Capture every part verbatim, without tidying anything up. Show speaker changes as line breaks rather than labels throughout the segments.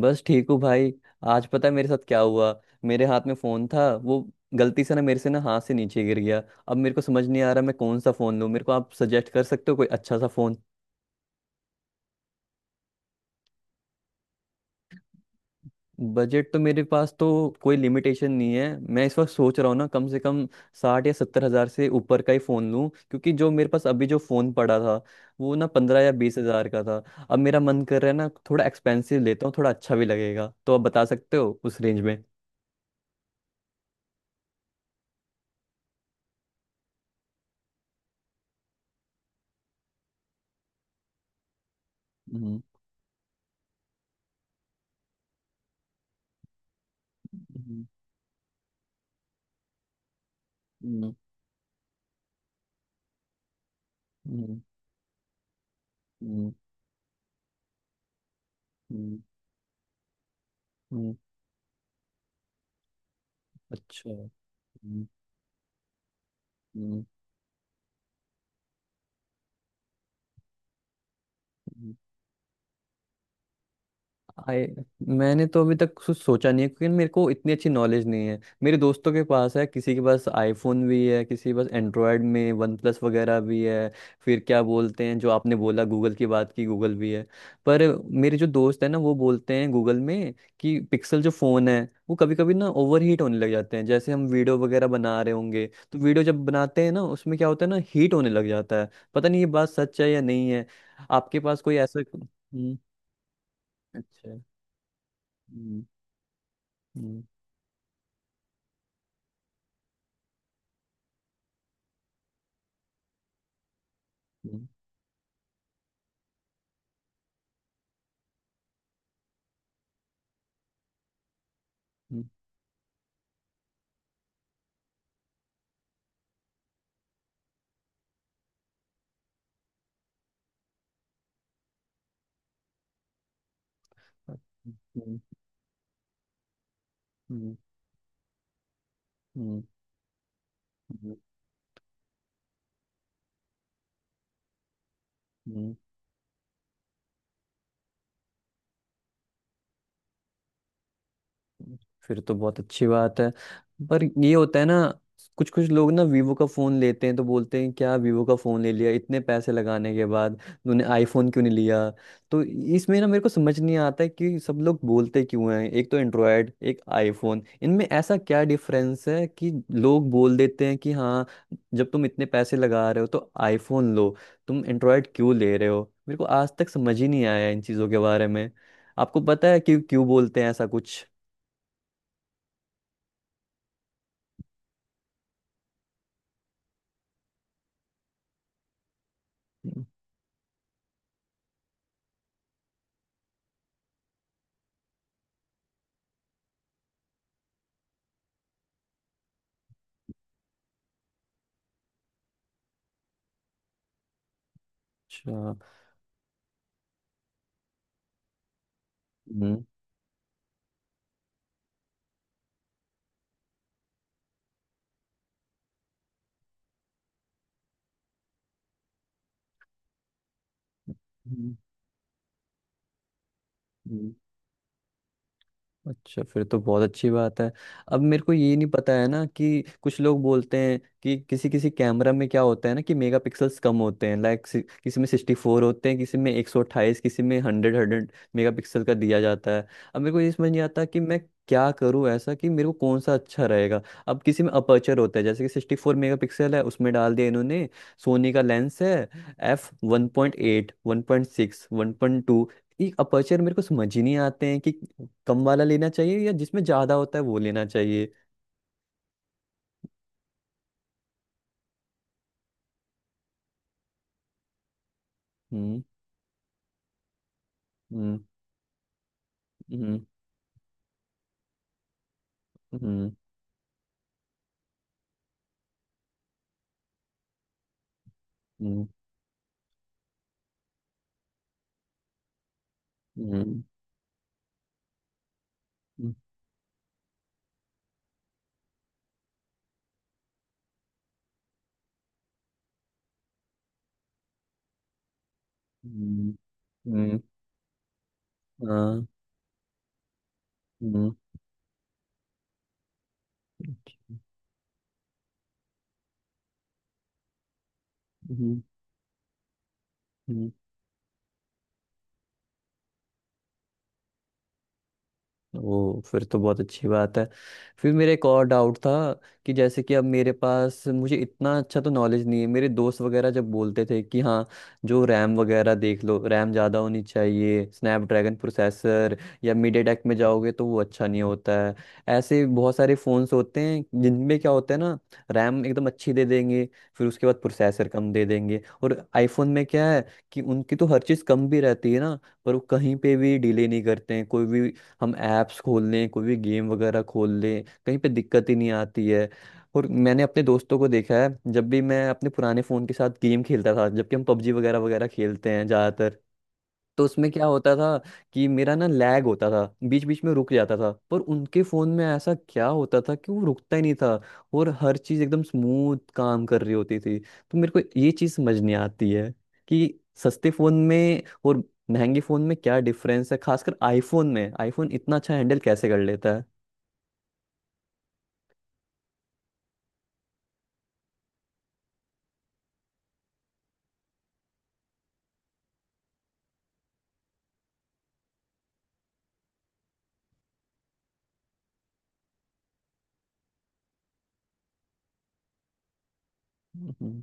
बस ठीक हूँ भाई। आज पता है मेरे साथ क्या हुआ? मेरे हाथ में फोन था, वो गलती से ना मेरे से ना हाथ से नीचे गिर गया। अब मेरे को समझ नहीं आ रहा मैं कौन सा फोन लूँ, मेरे को आप सजेस्ट कर सकते हो कोई अच्छा सा फोन। बजट तो मेरे पास तो कोई लिमिटेशन नहीं है। मैं इस वक्त सोच रहा हूँ ना कम से कम साठ या सत्तर हजार से ऊपर का ही फोन लूँ क्योंकि जो मेरे पास अभी जो फोन पड़ा था वो ना पंद्रह या बीस हजार का था। अब मेरा मन कर रहा है ना थोड़ा एक्सपेंसिव लेता हूँ, थोड़ा अच्छा भी लगेगा, तो आप बता सकते हो उस रेंज में। हम्म। हम्म, हम्म, हम्म। हम्म, हम्म, हम्म, अच्छा। हम्म, हम्म, आई मैंने तो अभी तक कुछ सोचा नहीं है क्योंकि मेरे को इतनी अच्छी नॉलेज नहीं है। मेरे दोस्तों के पास है, किसी के पास आईफोन भी है, किसी के पास एंड्रॉयड में वन प्लस वगैरह भी है। फिर क्या बोलते हैं जो आपने बोला गूगल की बात की, गूगल भी है। पर मेरे जो दोस्त है ना वो बोलते हैं गूगल में कि पिक्सल जो फ़ोन है वो कभी कभी ना ओवर हीट होने लग जाते हैं, जैसे हम वीडियो वगैरह बना रहे होंगे तो वीडियो जब बनाते हैं ना उसमें क्या होता है ना, हीट होने लग जाता है। पता नहीं ये बात सच है या नहीं है। आपके पास कोई ऐसा हम्म? अच्छा। हम्म। हम्म, हम्म, हम्म, हम्म, हम्म, हम्म, हम्म, हम्म, हम्म, फिर तो बहुत अच्छी बात है। पर ये होता है ना, कुछ कुछ लोग ना वीवो का फोन लेते हैं तो बोलते हैं क्या वीवो का फोन ले लिया, इतने पैसे लगाने के बाद तूने आईफोन क्यों नहीं लिया। तो इसमें ना मेरे को समझ नहीं आता है कि सब लोग बोलते क्यों हैं, एक तो एंड्रॉयड एक आईफोन, इनमें ऐसा क्या डिफरेंस है कि लोग बोल देते हैं कि हाँ जब तुम इतने पैसे लगा रहे हो तो आईफोन लो, तुम एंड्रॉयड क्यों ले रहे हो। मेरे को आज तक समझ ही नहीं आया इन चीज़ों के बारे में। आपको पता है कि क्यों बोलते हैं ऐसा कुछ? अच्छा। हम्म, हम्म, हम्म। अच्छा फिर तो बहुत अच्छी बात है। अब मेरे को ये नहीं पता है ना कि कुछ लोग बोलते हैं कि किसी किसी कैमरा में क्या होता है ना कि मेगापिक्सल्स कम होते हैं, लाइक किसी में सिक्सटी फोर होते हैं, किसी में एक सौ अट्ठाईस, किसी में हंड्रेड हंड्रेड मेगापिक्सल का दिया जाता है। अब मेरे को ये समझ नहीं आता कि मैं क्या करूं ऐसा कि मेरे को कौन सा अच्छा रहेगा। अब किसी में अपर्चर होता है, जैसे कि सिक्सटी फोर मेगा पिक्सल है उसमें डाल दिया इन्होंने, सोनी का लेंस है, F one point eight, one point six, one point two, ये अपर्चर मेरे को समझ ही नहीं आते हैं कि कम वाला लेना चाहिए या जिसमें ज्यादा होता है वो लेना चाहिए। हम्म, हम्म, हम्म, हम्म, हम्म, हम्म, हम्म, हम्म, हम्म, हाँ, हम्म, हम्म, हम्म, ओ फिर तो बहुत अच्छी बात है। फिर मेरा एक और डाउट था कि जैसे कि अब मेरे पास, मुझे इतना अच्छा तो नॉलेज नहीं है। मेरे दोस्त वगैरह जब बोलते थे कि हाँ, जो रैम वगैरह देख लो, रैम ज़्यादा होनी चाहिए, स्नैपड्रैगन प्रोसेसर या मिड टेक में जाओगे तो वो अच्छा नहीं होता है। ऐसे बहुत सारे फ़ोन्स होते हैं जिनमें क्या होता है ना, रैम एकदम अच्छी दे देंगे, फिर उसके बाद प्रोसेसर कम दे देंगे। और आईफोन में क्या है कि उनकी तो हर चीज़ कम भी रहती है ना, पर वो कहीं पे भी डिले नहीं करते हैं। कोई भी हम ऐप्स खोल लें, कोई भी गेम वगैरह खोल लें, कहीं पे दिक्कत ही नहीं आती है। और मैंने अपने दोस्तों को देखा है, जब भी मैं अपने पुराने फ़ोन के साथ गेम खेलता था, जबकि हम पबजी वगैरह वगैरह खेलते हैं ज़्यादातर, तो उसमें क्या होता था कि मेरा ना लैग होता था, बीच बीच में रुक जाता था, पर उनके फ़ोन में ऐसा क्या होता था कि वो रुकता ही नहीं था और हर चीज़ एकदम स्मूथ काम कर रही होती थी। तो मेरे को ये चीज़ समझ नहीं आती है कि सस्ते फ़ोन में और महंगे फ़ोन में क्या डिफरेंस है, खासकर आईफोन में, आईफोन इतना अच्छा हैंडल कैसे कर लेता है। हम्म,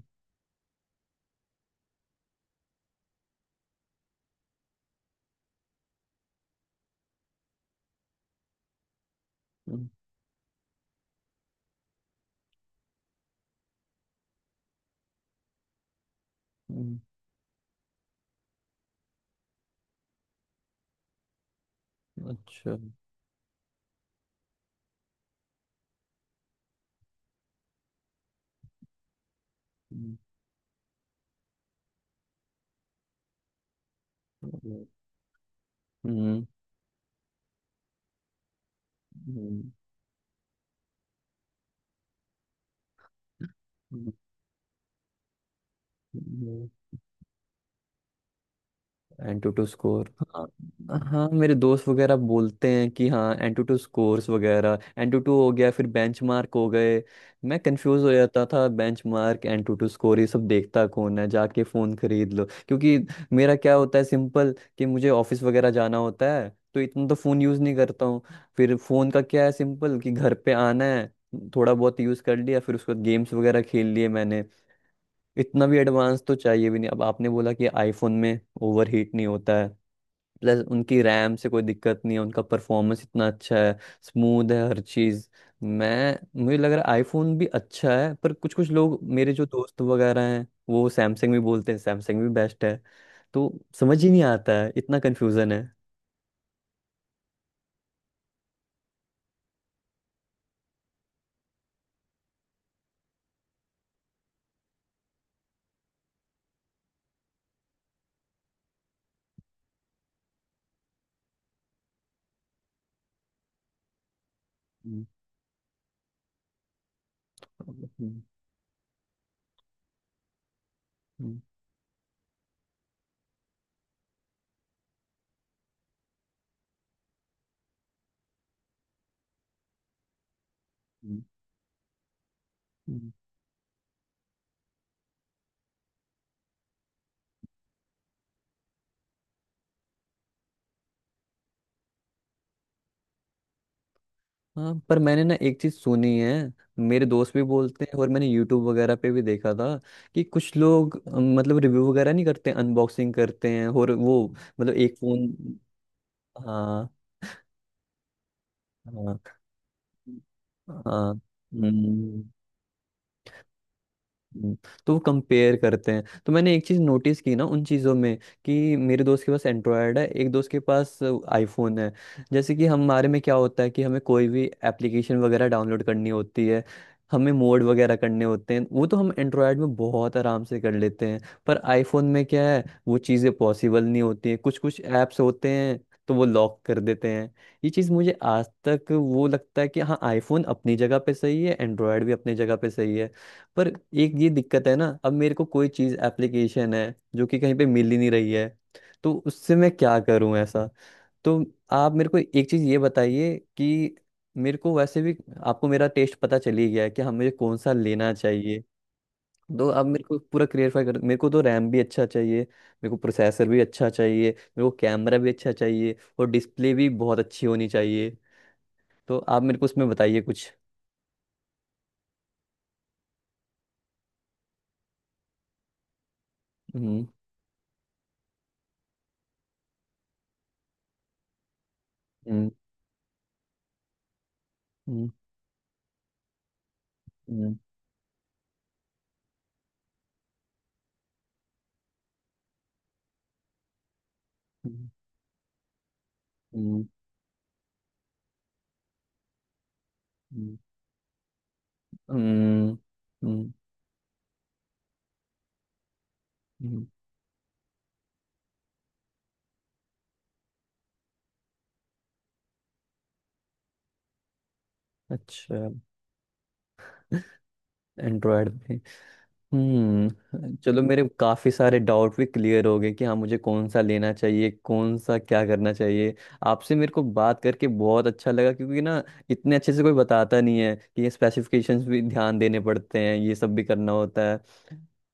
हम्म, हम्म, अच्छा। हम्म, हम्म, हम्म, हम्म, हम्म, एंटूटू स्कोर, हाँ हाँ, मेरे दोस्त वगैरह बोलते हैं कि हाँ एंटूटू स्कोर्स वगैरह, एंटूटू हो गया, फिर बेंचमार्क हो गए। मैं कंफ्यूज हो जाता था बेंचमार्क, एंटूटू स्कोर, ये सब देखता कौन है, जाके फ़ोन खरीद लो क्योंकि मेरा क्या होता है सिंपल, कि मुझे ऑफिस वगैरह जाना होता है, तो इतना तो फ़ोन यूज़ नहीं करता हूँ। फिर फ़ोन का क्या है सिंपल, कि घर पे आना है, थोड़ा बहुत यूज़ कर लिया, फिर उसके बाद गेम्स वगैरह खेल लिए मैंने, इतना भी एडवांस तो चाहिए भी नहीं। अब आपने बोला कि आईफोन में ओवर हीट नहीं होता है, प्लस उनकी रैम से कोई दिक्कत नहीं है, उनका परफॉर्मेंस इतना अच्छा है, स्मूथ है हर चीज़। मैं मुझे लग रहा है आईफोन भी अच्छा है, पर कुछ कुछ लोग मेरे जो दोस्त वगैरह हैं वो सैमसंग भी बोलते हैं, सैमसंग भी बेस्ट है। तो समझ ही नहीं आता है, इतना कन्फ्यूज़न है। हम्म, हम्म, हम्म, हम्म, हम्म। हाँ पर मैंने ना एक चीज़ सुनी है, मेरे दोस्त भी बोलते हैं और मैंने यूट्यूब वगैरह पे भी देखा था कि कुछ लोग अम, मतलब रिव्यू वगैरह नहीं करते, अनबॉक्सिंग करते हैं और वो मतलब एक फ़ोन, हाँ। हाँ, हाँ, हाँ, हम्म, हम्म, तो वो कंपेयर करते हैं। तो मैंने एक चीज़ नोटिस की ना उन चीज़ों में, कि मेरे दोस्त के पास एंड्रॉयड है, एक दोस्त के पास आईफोन है, जैसे कि हमारे में क्या होता है कि हमें कोई भी एप्लीकेशन वगैरह डाउनलोड करनी होती है, हमें मोड वगैरह करने होते हैं, वो तो हम एंड्रॉयड में बहुत आराम से कर लेते हैं। पर आईफोन में क्या है, वो चीज़ें पॉसिबल नहीं होती हैं, कुछ कुछ ऐप्स होते हैं तो वो लॉक कर देते हैं। ये चीज़ मुझे आज तक, वो लगता है कि हाँ आईफोन अपनी जगह पे सही है, एंड्रॉयड भी अपनी जगह पे सही है, पर एक ये दिक्कत है ना, अब मेरे को कोई चीज एप्लीकेशन है जो कि कहीं पे मिल ही नहीं रही है, तो उससे मैं क्या करूं ऐसा। तो आप मेरे को एक चीज ये बताइए कि मेरे को वैसे भी, आपको मेरा टेस्ट पता चल ही गया है कि हमें कौन सा लेना चाहिए, तो अब मेरे को पूरा क्लियरफाई कर, मेरे को तो रैम भी अच्छा चाहिए, मेरे को प्रोसेसर भी अच्छा चाहिए, मेरे को कैमरा भी अच्छा चाहिए और डिस्प्ले भी बहुत अच्छी होनी चाहिए। तो आप मेरे को उसमें बताइए कुछ। हम्म, हम्म, हम्म, हम्म, हम्म, हम्म, हम्म, हम्म, हम्म, हम्म, अच्छा। एंड्रॉयड पे हम्म। चलो मेरे काफ़ी सारे डाउट भी क्लियर हो गए कि हाँ मुझे कौन सा लेना चाहिए, कौन सा क्या करना चाहिए। आपसे मेरे को बात करके बहुत अच्छा लगा, क्योंकि ना इतने अच्छे से कोई बताता नहीं है कि ये स्पेसिफिकेशंस भी ध्यान देने पड़ते हैं, ये सब भी करना होता है।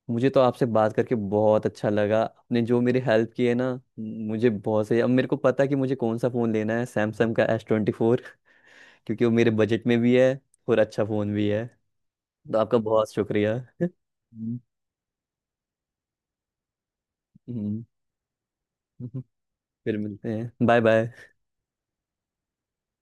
मुझे तो आपसे बात करके बहुत अच्छा लगा, आपने जो मेरी हेल्प की है ना, मुझे बहुत सही, अब मेरे को पता है कि मुझे कौन सा फ़ोन लेना है, सैमसंग का एस ट्वेंटी फोर, क्योंकि वो मेरे बजट में भी है और अच्छा फ़ोन भी है। तो आपका बहुत शुक्रिया। हम्म, हम्म, फिर मिलते हैं, बाय बाय।